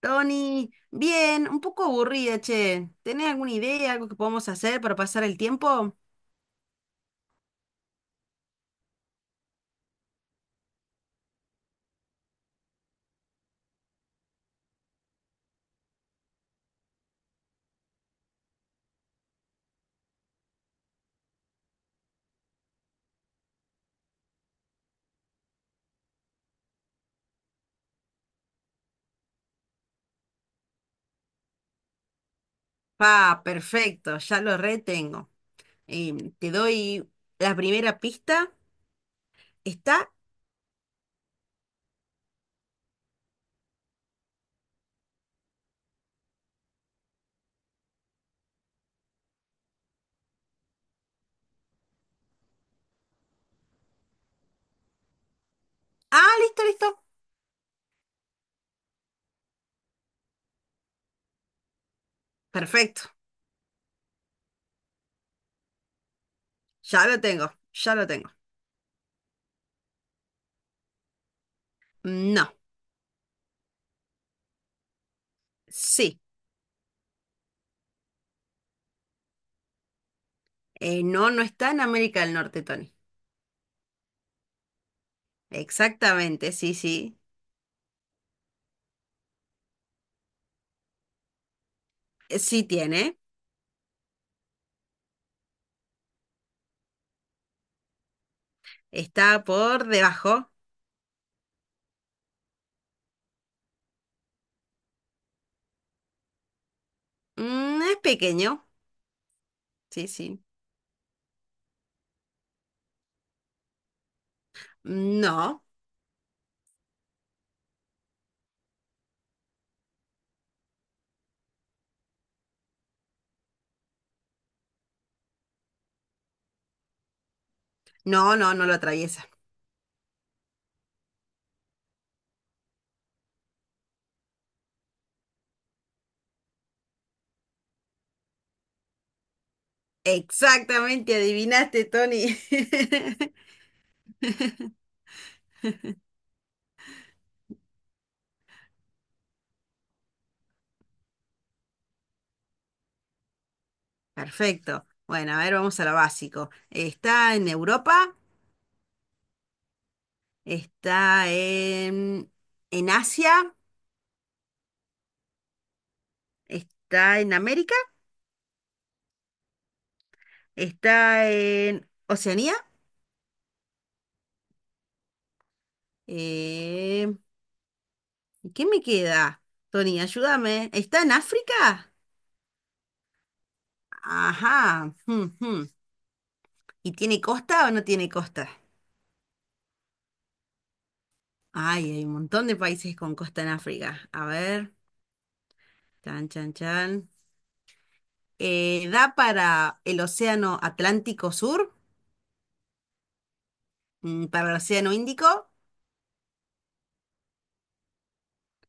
Tony, bien, un poco aburrida, che. ¿Tenés alguna idea, algo que podamos hacer para pasar el tiempo? Ah, perfecto, ya lo retengo. Te doy la primera pista. ¿Está? Ah, listo, listo. Perfecto, ya lo tengo. No, sí. No, no está en América del Norte, Tony. Exactamente, sí, sí. Sí tiene. Está por debajo. Mm, es pequeño, sí, sí. No, no, no lo atraviesa. Exactamente, adivinaste, Tony. Perfecto. Bueno, a ver, vamos a lo básico. ¿Está en Europa, está en Asia, está en América, está en Oceanía? Eh, ¿Y qué me queda? Tony, ayúdame. ¿Está en África? Ajá, jum, jum. ¿Y tiene costa o no tiene costa? Ay, hay un montón de países con costa en África. A ver, chan, chan, chan. ¿Da para el Océano Atlántico Sur, mm, para el Océano Índico,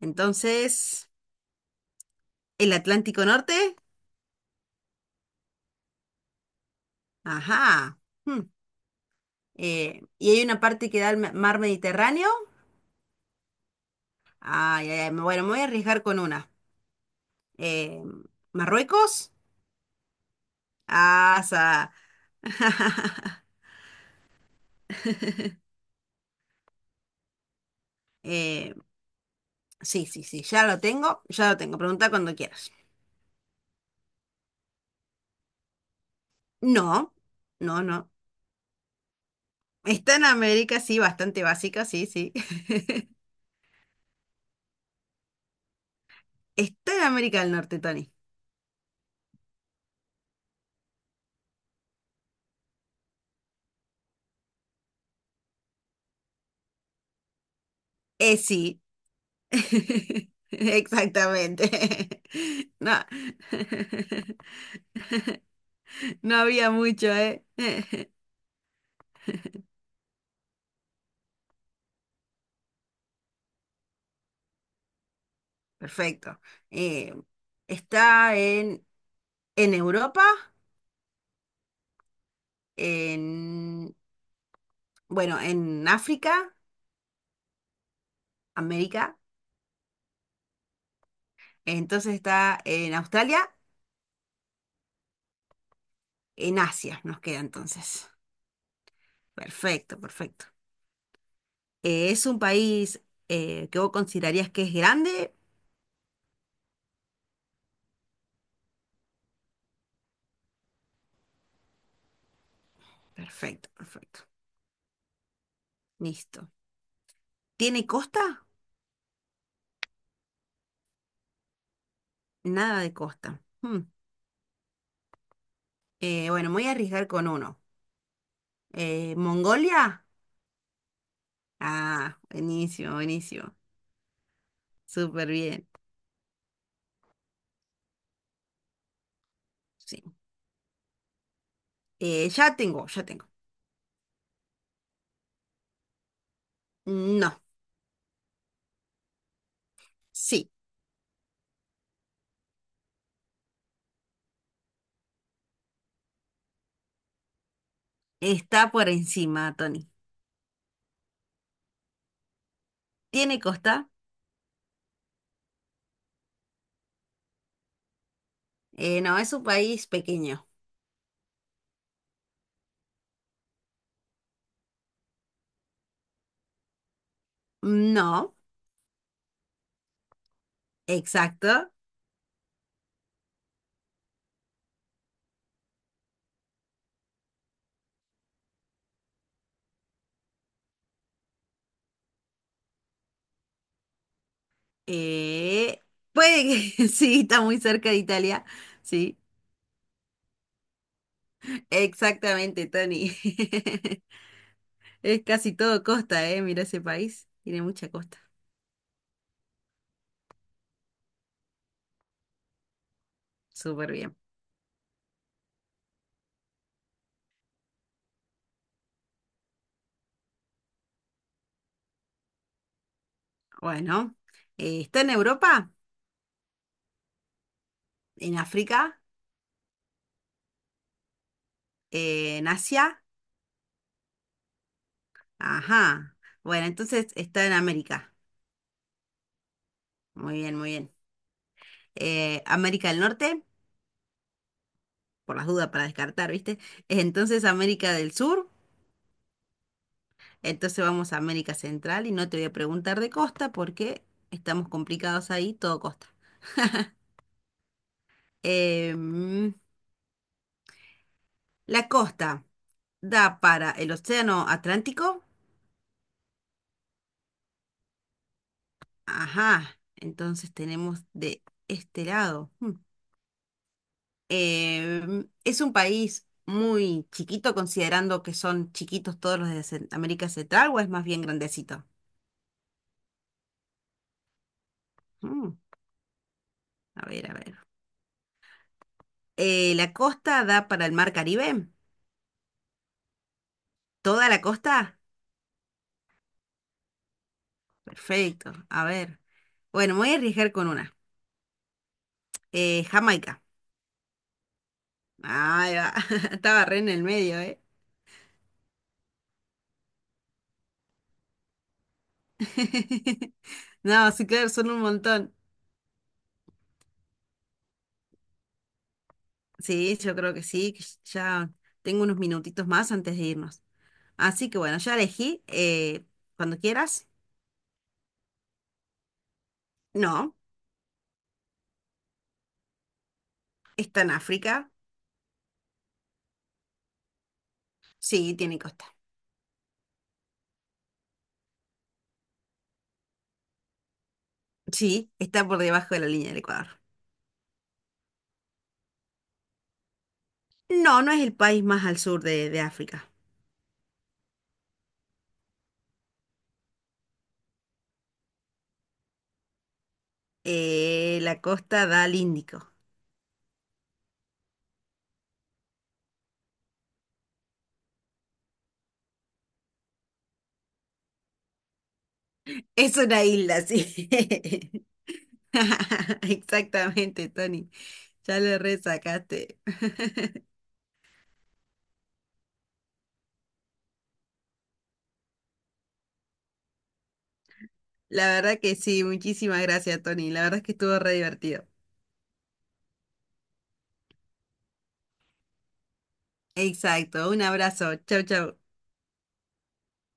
entonces el Atlántico Norte? Ajá, hmm, y hay una parte que da al mar Mediterráneo. Ay, ay, ay, bueno, me voy a arriesgar con una. Eh, Marruecos, asa. Eh, sí, sí, sí, ya lo tengo. Pregunta cuando quieras. No, no, no. Está en América, sí, bastante básica, sí, sí. Está en América del Norte, Tony. Sí. Exactamente. No. No había mucho, ¿eh? Perfecto. Eh, Está en Europa, en, bueno, en África, América. Entonces está en Australia, en Asia nos queda entonces. Perfecto, perfecto. ¿Es un país que vos considerarías que es grande? Perfecto, perfecto. Listo. ¿Tiene costa? Nada de costa. Hmm. Bueno, me voy a arriesgar con uno. ¿Mongolia? Ah, buenísimo, buenísimo. Súper bien. Sí. Ya tengo, ya tengo. No, sí, está por encima, Tony. ¿Tiene costa? No, es un país pequeño. No, exacto. Eh, Puede que sí, está muy cerca de Italia. Sí, exactamente, Tony. Es casi todo costa, ¿eh? Mira ese país, tiene mucha costa. Súper bien. Bueno, ¿está en Europa? ¿En África? ¿En Asia? Ajá. Bueno, entonces está en América. Muy bien, muy bien. América del Norte, por las dudas para descartar, ¿viste? Entonces América del Sur, entonces vamos a América Central y no te voy a preguntar de costa porque estamos complicados ahí, todo costa. Em, ¿La costa da para el Océano Atlántico? Ajá, entonces tenemos de este lado. Hmm. ¿Es un país muy chiquito, considerando que son chiquitos todos los de América Central, o es más bien grandecito? Hmm, a ver, a ver. ¿La costa da para el mar Caribe? ¿Toda la costa? Perfecto. A ver. Bueno, me voy a arriesgar con una. Jamaica. Ahí va. Estaba re en el medio, ¿eh? No, sí, claro, son un montón. Sí, yo creo que sí, que ya tengo unos minutitos más antes de irnos. Así que bueno, ya elegí. Cuando quieras. No, está en África. Sí, tiene costa. Sí, está por debajo de la línea del Ecuador. No, no es el país más al sur de África. La costa da al Índico. Es una isla, sí. Exactamente, Tony. Ya le resacaste. La verdad que sí, muchísimas gracias, Tony. La verdad es que estuvo re divertido. Exacto, un abrazo. Chau, chau.